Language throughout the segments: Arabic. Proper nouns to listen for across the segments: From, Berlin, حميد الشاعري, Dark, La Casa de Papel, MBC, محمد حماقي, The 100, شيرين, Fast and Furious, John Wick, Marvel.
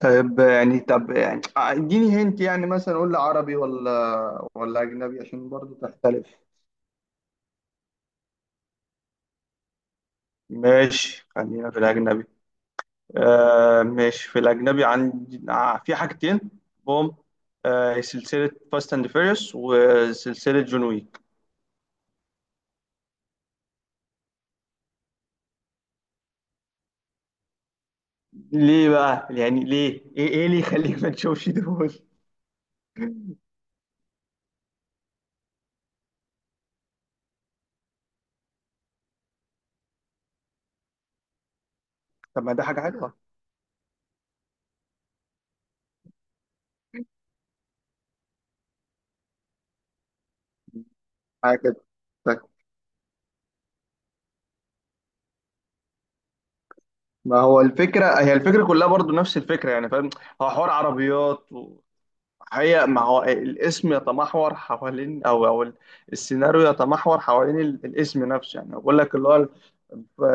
طيب يعني طب يعني اديني هنت يعني مثلا قول لي عربي ولا اجنبي عشان برضو تختلف. ماشي خلينا في الاجنبي. ماشي في الاجنبي عندي، في حاجتين. بوم. سلسلة فاست اند فيريوس وسلسلة جون ويك. ليه بقى يعني ليه ايه اللي يخليك ما تشوفش دول؟ طب ما ده حاجة حلوة. حاجة كده. طيب، ما هو الفكرة، هي الفكرة كلها برضو نفس الفكرة، يعني فاهم. هو حوار عربيات و... هي ما هو الاسم يتمحور حوالين او او ال- السيناريو يتمحور حوالين الاسم نفسه، يعني بقول لك اللي هو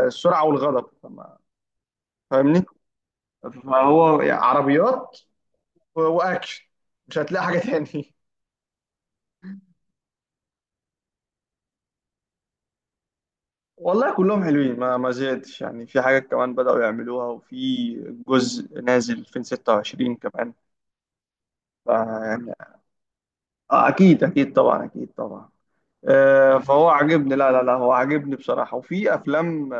السرعه والغضب. فاهمني؟ فهو يعني عربيات واكشن، مش هتلاقي حاجه تاني. والله كلهم حلوين، ما زهقتش يعني. في حاجات كمان بدأوا يعملوها، وفي جزء نازل 2026 كمان. فيعني اكيد اكيد، طبعا اكيد طبعا. فهو عاجبني. لا هو عاجبني بصراحة. وفي افلام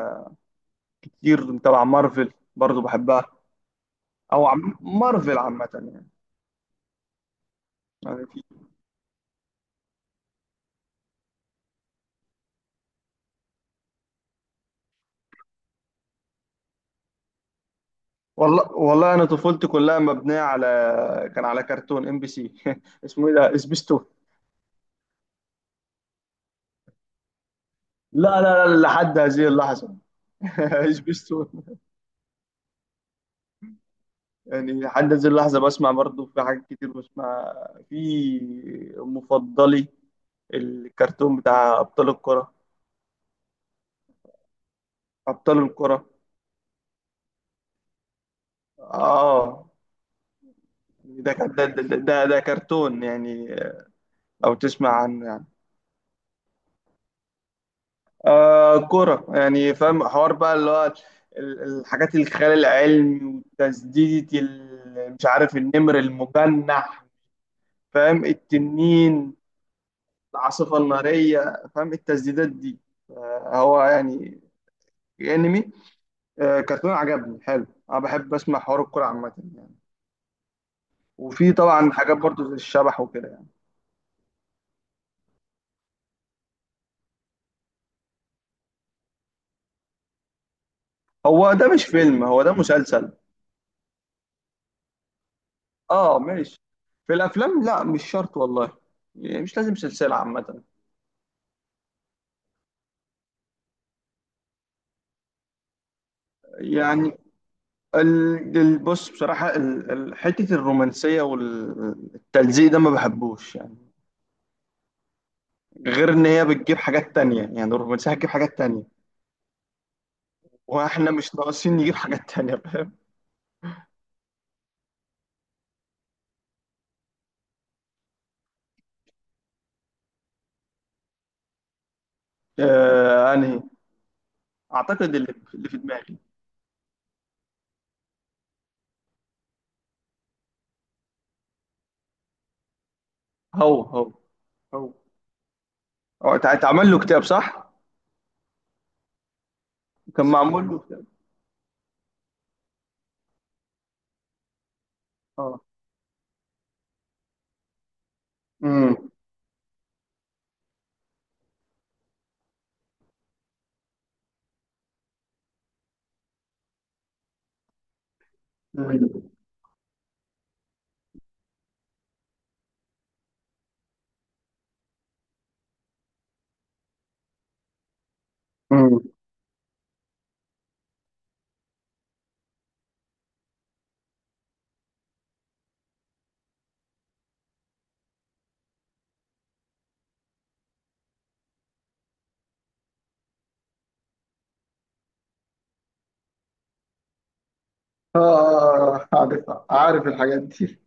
كتير تبع مارفل برضو بحبها، او عم مارفل عامة يعني. يعني في. والله والله انا طفولتي كلها مبنية على، كان على كرتون ام بي سي اسمه ايه ده، سبيستون. لا لحد هذه اللحظة. سبيستون. يعني لحد هذه اللحظة بسمع برضو، في حاجات كتير بسمع. في مفضلي الكرتون بتاع ابطال الكرة. ابطال الكرة. اه. ده كرتون يعني، لو تسمع عن، آه، كرة يعني. فاهم حوار بقى اللي هو الحاجات الخيال العلمي، وتسديدة مش عارف النمر المجنح، فاهم، التنين، العاصفة النارية، فاهم التسديدات دي. آه هو يعني انمي، آه كرتون عجبني حلو. انا بحب اسمع حوار الكرة عامة يعني. وفي طبعا حاجات برضو زي الشبح وكده يعني. هو ده مش فيلم، هو ده مسلسل. اه ماشي. في الافلام لا مش شرط والله، يعني مش لازم سلسلة عامة. يعني بص بصراحة، حتة الرومانسية والتلزيق ده ما بحبوش يعني. غير إن هي بتجيب حاجات تانية، يعني الرومانسية هتجيب حاجات تانية، وإحنا مش ناقصين نجيب حاجات تانية، فاهم؟ آه أنهي؟ أعتقد اللي في دماغي. هو هو هو هو اتعمل له كتاب، صح؟ كان معمول له كتاب. اه. امم. امم. امم. اه عارف. عارف الحاجات دي.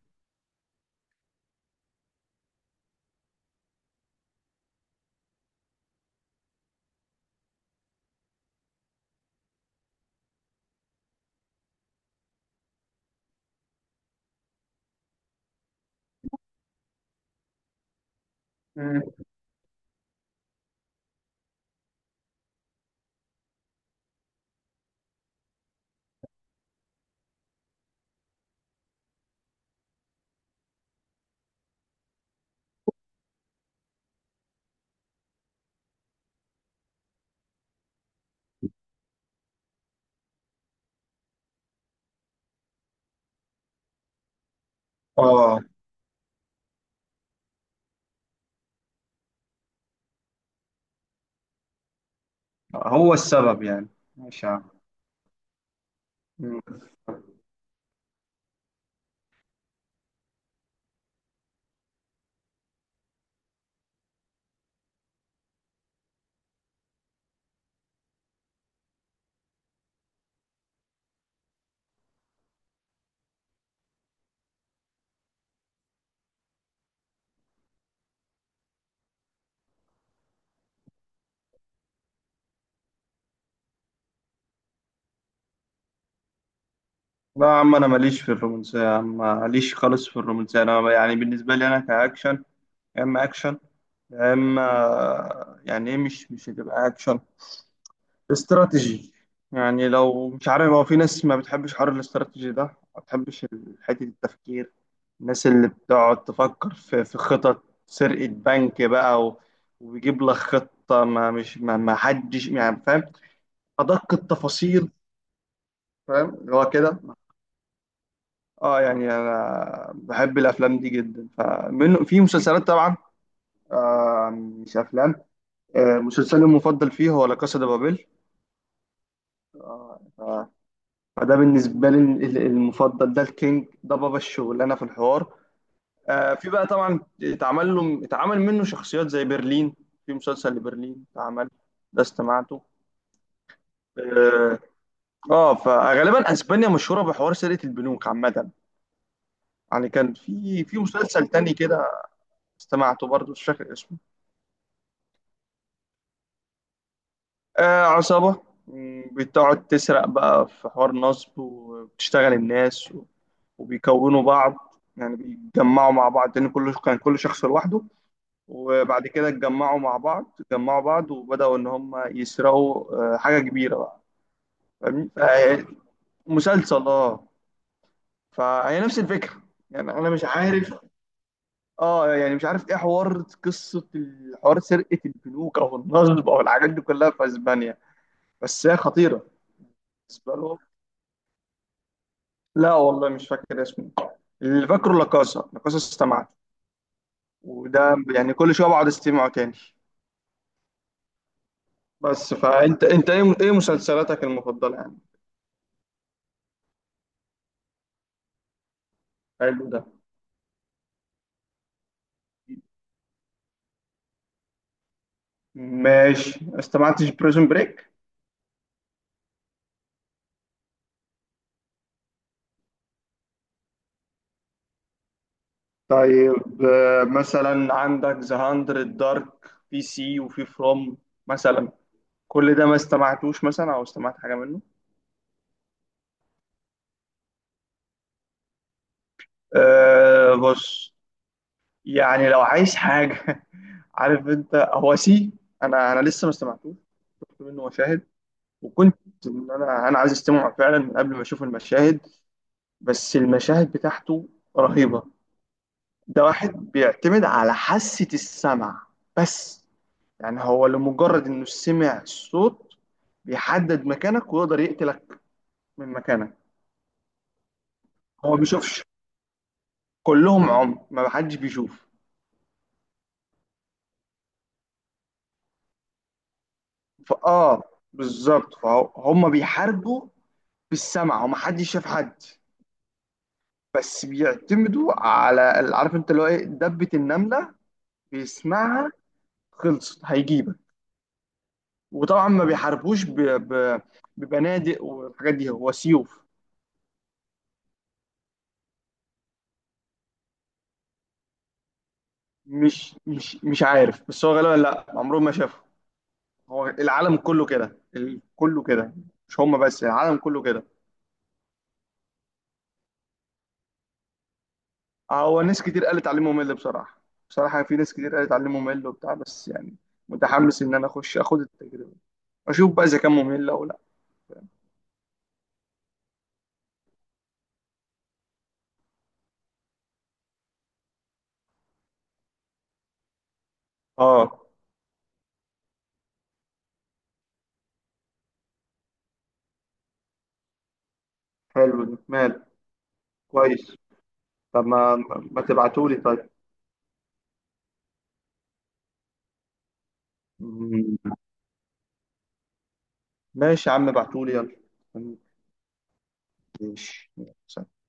امم. اه هو السبب يعني. ماشي يا عم. لا يا عم، انا ماليش في الرومانسيه يا عم، ماليش خالص في الرومانسيه. انا يعني بالنسبه لي، انا كاكشن. يا اما اكشن، يا اما يعني ايه، مش هتبقى اكشن، استراتيجي. يعني لو مش عارف، هو في ناس ما بتحبش حوار الاستراتيجي ده، ما بتحبش حته التفكير. الناس اللي بتقعد تفكر في خطط سرقه بنك بقى وبيجيب لك خطه، ما مش ما, ما حدش يعني فاهم ادق التفاصيل. فاهم اللي هو كده. اه يعني انا بحب الافلام دي جدا. فمن في مسلسلات طبعا، آه مش افلام، آه مسلسلي المفضل فيه هو لا كاسا دي بابيل. آه فده بالنسبه لي المفضل. ده الكينج، ده بابا الشغلانه في الحوار. آه في بقى طبعا اتعمل منه شخصيات زي برلين، في مسلسل لبرلين اتعمل، ده استمعته. اه. فغالبا اسبانيا مشهوره بحوار سرقه البنوك عامه. يعني كان في مسلسل تاني كده استمعته برضه، مش فاكر اسمه. آه عصابة، مم، بتقعد تسرق بقى في حوار نصب، وبتشتغل الناس وبيكونوا بعض، يعني بيتجمعوا مع بعض، لأن كان كل شخص لوحده، وبعد كده اتجمعوا مع بعض، اتجمعوا بعض وبدأوا إن هم يسرقوا حاجة كبيرة بقى. فاهمني؟ مسلسل اه. فهي نفس الفكرة، يعني أنا مش عارف. اه يعني مش عارف ايه حوار قصة الحوار سرقة البنوك أو النصب أو الحاجات دي كلها في أسبانيا، بس هي خطيرة بالنسبة لهم. لا والله مش فاكر اسمه، اللي فاكره لاكاسا. لاكاسا استمعت، وده يعني كل شويه بقعد استمعه تاني. بس فانت انت ايه مسلسلاتك المفضله يعني؟ حلو ده. ماشي. ما استمعتش بريزون بريك. طيب مثلا عندك ذا 100، دارك، في سي، وفي فروم مثلا. كل ده ما استمعتوش مثلا، او استمعت حاجه منه؟ أه بص، يعني لو عايز حاجه، عارف انت هو سي. انا انا لسه ما استمعتوش، شفت منه مشاهد، وكنت ان انا عايز استمع فعلا من قبل ما اشوف المشاهد، بس المشاهد بتاعته رهيبه. ده واحد بيعتمد على حاسه السمع بس، يعني هو لمجرد انه سمع الصوت بيحدد مكانك ويقدر يقتلك من مكانك. هو ما بيشوفش، كلهم عمي ما حدش بيشوف. فاه، بالظبط، فهم بيحاربوا بالسمع وما حدش شاف حد، بس بيعتمدوا على، عارف انت اللي هو ايه، دبة النملة بيسمعها، خلصت هيجيبك. وطبعا ما بيحاربوش ب... ب... ببنادق والحاجات دي، هو سيوف. مش عارف، بس هو غالبا لا، عمرهم ما شافه، هو العالم كله كده، كله كده، مش هم بس، العالم كله كده. هو ناس كتير قالت تعليمه ممل بصراحة، بصراحة في ناس كتير قالت تعليمه ممل وبتاع، بس يعني متحمس ان انا اخد التجربة، اشوف بقى اذا كان ممل او لا. اه حلو ده، مال كويس. طب ما تبعتولي طيب. مم. ماشي يا عم ابعتولي. يلا. ماشي يلا، سلام.